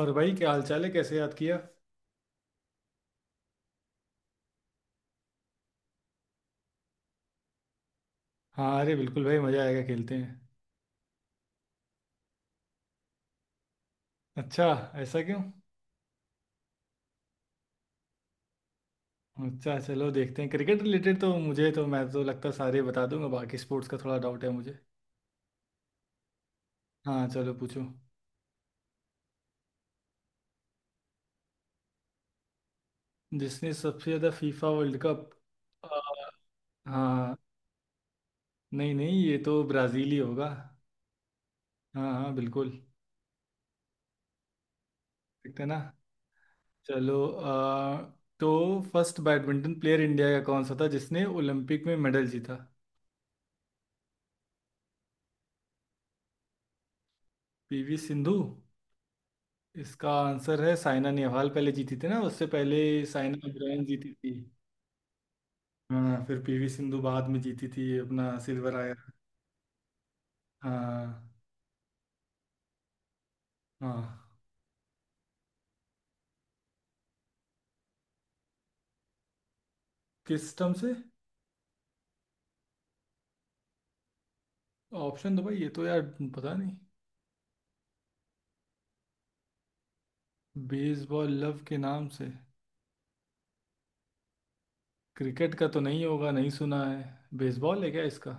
और भाई, क्या हाल चाल है, कैसे याद किया? हाँ, अरे बिल्कुल भाई, मज़ा आएगा, खेलते हैं। अच्छा, ऐसा क्यों? अच्छा चलो देखते हैं, क्रिकेट रिलेटेड तो मुझे तो मैं तो लगता है सारे बता दूंगा, बाकी स्पोर्ट्स का थोड़ा डाउट है मुझे। हाँ चलो पूछो। जिसने सबसे ज़्यादा फीफा वर्ल्ड कप? हाँ। नहीं नहीं, ये तो ब्राज़ील ही होगा। हाँ हाँ, बिल्कुल। देखते हैं ना। चलो तो फर्स्ट बैडमिंटन प्लेयर इंडिया का कौन सा था जिसने ओलंपिक में मेडल जीता? पीवी सिंधु? इसका आंसर है साइना नेहवाल, पहले जीती थी ना उससे पहले। साइना ब्रायन जीती थी। हाँ, फिर पीवी सिंधु बाद में जीती थी, अपना सिल्वर आया। हाँ। हाँ। किस टर्म से? ऑप्शन दो भाई, ये तो यार पता नहीं। बेसबॉल लव के नाम से? क्रिकेट का तो नहीं होगा, नहीं सुना है। बेसबॉल है क्या इसका?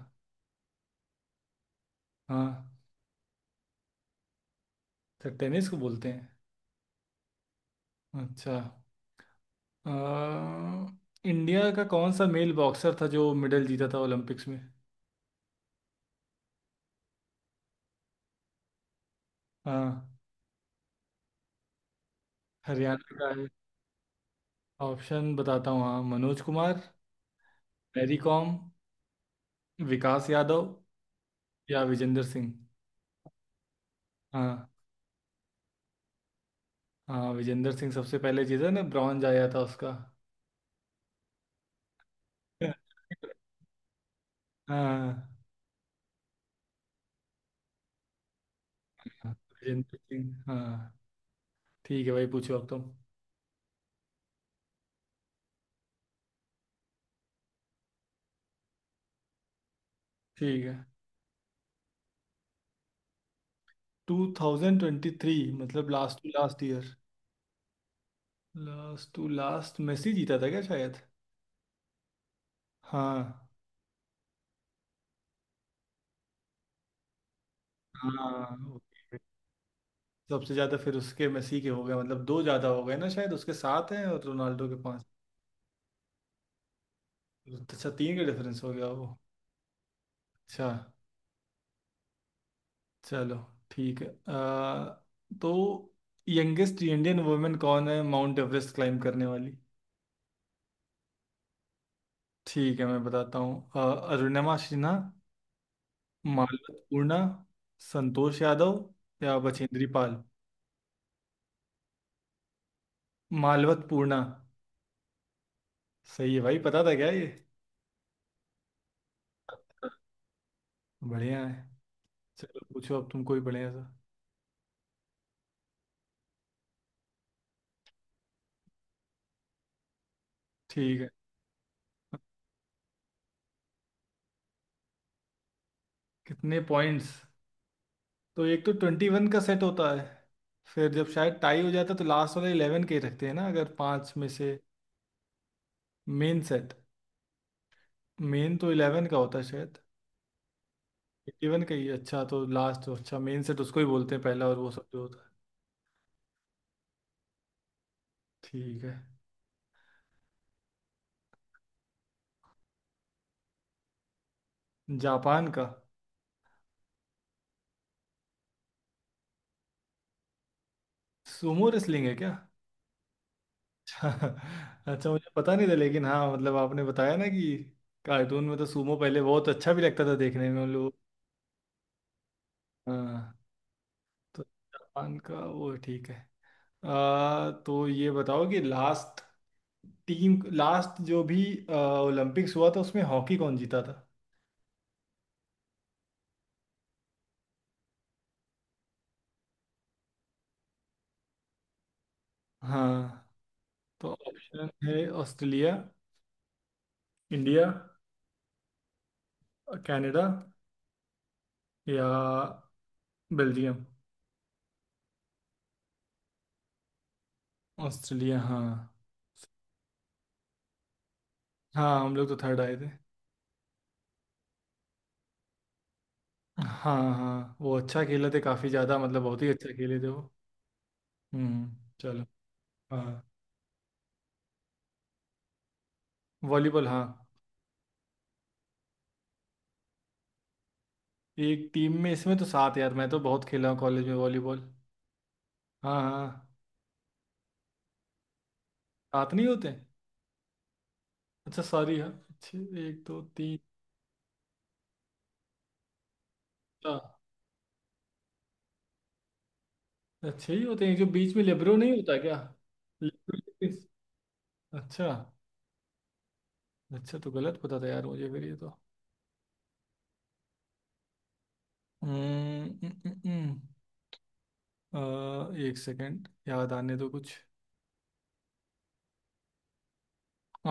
हाँ। तो टेनिस को बोलते हैं। अच्छा। अ, इंडिया का कौन सा मेल बॉक्सर था जो मेडल जीता था ओलंपिक्स में? हाँ। हरियाणा का है। ऑप्शन बताता हूँ, हाँ— मनोज कुमार, मैरी कॉम, विकास यादव या विजेंद्र सिंह। हाँ। हाँ विजेंद्र सिंह सबसे पहले जीता ना, ब्रॉन्ज आया था उसका। हाँ विजेंद्र सिंह, हाँ। ठीक है भाई, पूछो अब तुम। ठीक है। 2023 मतलब last to last year? Last to last Messi जीता था क्या शायद? हाँ। हाँ, सबसे ज्यादा फिर उसके मेसी के हो गए, मतलब दो ज्यादा हो गए ना, शायद उसके सात हैं और रोनाल्डो के पांच। अच्छा, तीन का डिफरेंस हो गया वो। अच्छा। चलो ठीक है, तो यंगेस्ट इंडियन वुमेन कौन है माउंट एवरेस्ट क्लाइम करने वाली? ठीक है मैं बताता हूँ, अरुणिमा सिन्हा, मालवत पूर्णा, संतोष यादव या बछेंद्री पाल। मालवत पूर्णा। सही है भाई, पता था क्या ये? बढ़िया है। चलो पूछो अब तुम कोई बढ़िया सा। ठीक है। कितने पॉइंट्स? तो एक तो 21 का सेट होता है। फिर जब शायद टाई हो जाता है तो लास्ट वाला इलेवन के ही रखते हैं ना, अगर पांच में से। Main set. मेन तो इलेवन का होता है शायद। 21 का ही है। अच्छा तो लास्ट तो— अच्छा, मेन सेट उसको ही बोलते हैं पहला, और वो सब जो होता है। ठीक है। जापान का सुमो रेसलिंग है क्या? अच्छा, मुझे पता नहीं था, लेकिन हाँ, मतलब आपने बताया ना कि कार्टून में तो सुमो पहले बहुत अच्छा भी लगता था देखने में उन लोग। हाँ। तो जापान का वो ठीक है। आ, तो ये बताओ कि लास्ट टीम, लास्ट जो भी ओलंपिक्स हुआ था उसमें हॉकी कौन जीता था? हाँ। तो ऑप्शन है— ऑस्ट्रेलिया, इंडिया, कनाडा या बेल्जियम। ऑस्ट्रेलिया, हाँ। हाँ हम लोग तो थर्ड आए थे। हाँ हाँ, वो अच्छा खेले थे काफ़ी ज़्यादा, मतलब बहुत ही अच्छा खेले थे वो। हम्म। चलो। हाँ। वॉलीबॉल, हाँ। एक टीम में, इसमें तो सात यार, मैं तो बहुत खेला हूँ कॉलेज में वॉलीबॉल। हाँ हाँ। सात नहीं होते? अच्छा सॉरी, हाँ अच्छे। एक दो तीन चार अच्छे ही होते हैं, जो बीच में लेब्रो नहीं होता क्या? लेब्रो। अच्छा। अच्छा तो गलत पता था यार मुझे, फिर ये तो। हम्म, हम्म, हम्म, हम्म। एक सेकंड याद आने दो कुछ।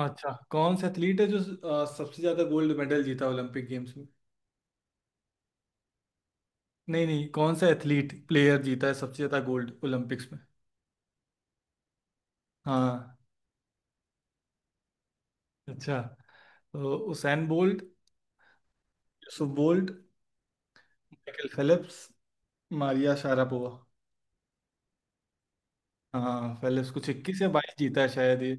अच्छा, कौन सा एथलीट है जो सबसे ज्यादा गोल्ड मेडल जीता ओलंपिक गेम्स में? नहीं नहीं, कौन सा एथलीट प्लेयर जीता है सबसे ज्यादा गोल्ड ओलंपिक्स में? हाँ। अच्छा। तो Usain Bolt, Yusuf Bolt, Michael Phelps, Maria Sharapova. हाँ, पहले उसको 21 या 22 जीता है शायद ये।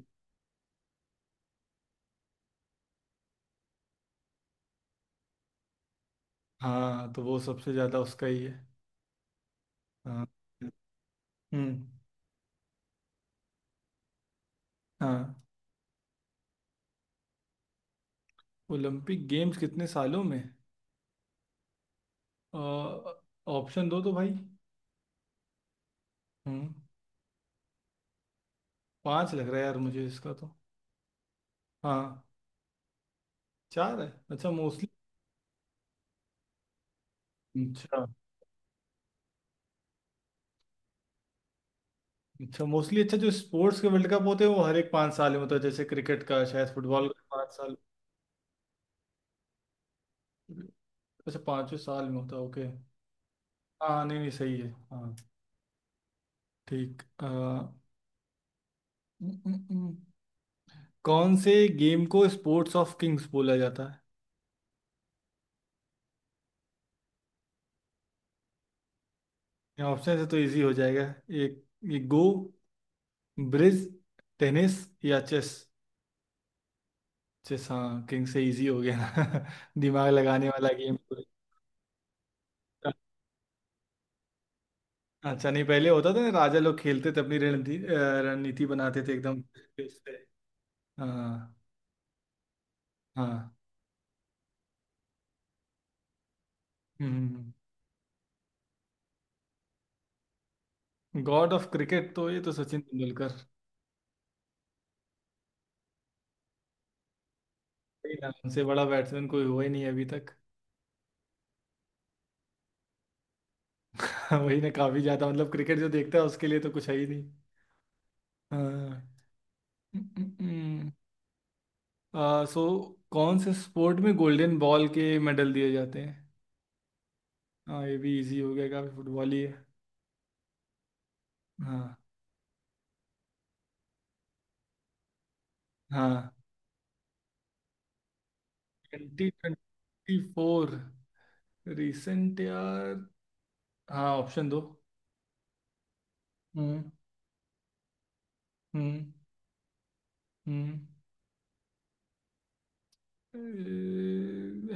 हाँ तो वो सबसे ज्यादा उसका ही है। हाँ। हम्म। हाँ। ओलंपिक गेम्स कितने सालों में? ऑप्शन दो तो भाई। हम्म। पांच लग रहा है यार मुझे इसका तो। हाँ। चार है? अच्छा मोस्टली। अच्छा। अच्छा मोस्टली। अच्छा, जो स्पोर्ट्स के वर्ल्ड कप होते हैं वो हर एक 5 साल में होता है, जैसे क्रिकेट का शायद, फुटबॉल का 5 साल। अच्छा, पाँचवें साल में होता है, ओके। हाँ। नहीं नहीं, सही है, हाँ। ठीक हम्म, हम्म। कौन से गेम को स्पोर्ट्स ऑफ किंग्स बोला जाता है? ऑप्शन से तो इजी हो जाएगा। एक— ये गो, ब्रिज, टेनिस या चेस। चेस, हाँ, किंग से इजी हो गया ना। दिमाग लगाने वाला गेम। अच्छा, नहीं, पहले होता था ना राजा लोग खेलते थे, अपनी रणनीति रणनीति बनाते थे एकदम इससे। हाँ। हाँ। हम्म हम्म, गॉड ऑफ क्रिकेट तो ये तो सचिन तेंदुलकर। वही ना, उनसे बड़ा बैट्समैन कोई हुआ ही नहीं अभी तक। वही ना, काफी ज्यादा, मतलब क्रिकेट जो देखता है उसके लिए तो कुछ है ही नहीं। हाँ। आ, सो कौन से स्पोर्ट में गोल्डन बॉल के मेडल दिए जाते हैं? हाँ, ये भी इजी हो गया, काफी फुटबॉल ही है। हाँ। हाँ, 2024, रिसेंट यार। हाँ, ऑप्शन दो। हम्म। हम्म। हम्म।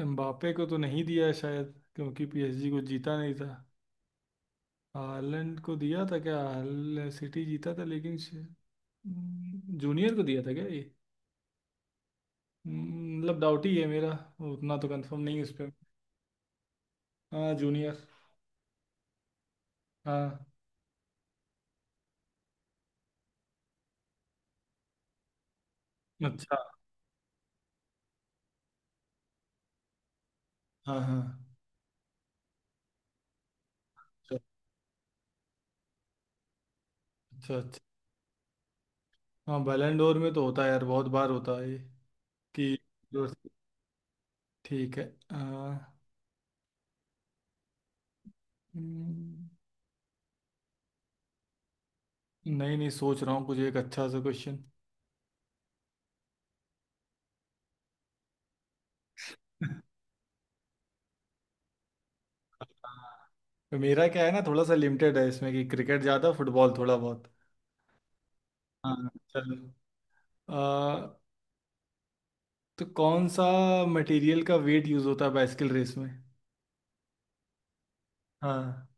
एम्बापे को तो नहीं दिया शायद, क्योंकि पीएसजी को जीता नहीं था। हालैंड को दिया था क्या, हाल सिटी जीता था लेकिन? जूनियर को दिया था क्या ये? मतलब डाउट ही है मेरा। उतना तो कंफर्म नहीं है उस पर। हाँ जूनियर। हाँ। अच्छा। हाँ हाँ। अच्छा। अच्छा। अच्छा। हाँ, बैलेंडोर में तो होता है यार, बहुत बार होता है ये कि— ठीक है। हाँ, हम्म, नहीं नहीं, सोच रहा हूँ कुछ एक अच्छा सा क्वेश्चन। हाँ, मेरा क्या है ना, थोड़ा सा लिमिटेड है इसमें, कि क्रिकेट ज़्यादा, फुटबॉल थोड़ा बहुत। हाँ चलो, आ, तो कौन सा मटेरियल का वेट यूज़ होता है बाइसिकल रेस में? हाँ।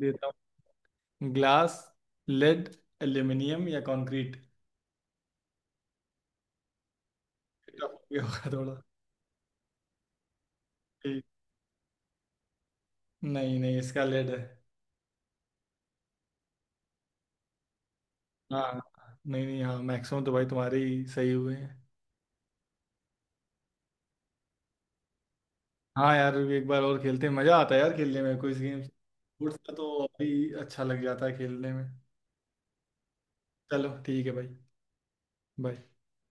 देता हूँ— ग्लास, लेड, एल्यूमिनियम या कंक्रीट। होगा थोड़ा। ठीक। नहीं नहीं, इसका लेड है। हाँ। नहीं नहीं, हाँ मैक्सिमम तो भाई तुम्हारे ही सही हुए हैं। हाँ यार, एक बार और खेलते हैं, मजा आता है यार खेलने में, कोई गेम स्पोर्ट्स का तो अभी अच्छा लग जाता है खेलने में। चलो ठीक है भाई। बाय।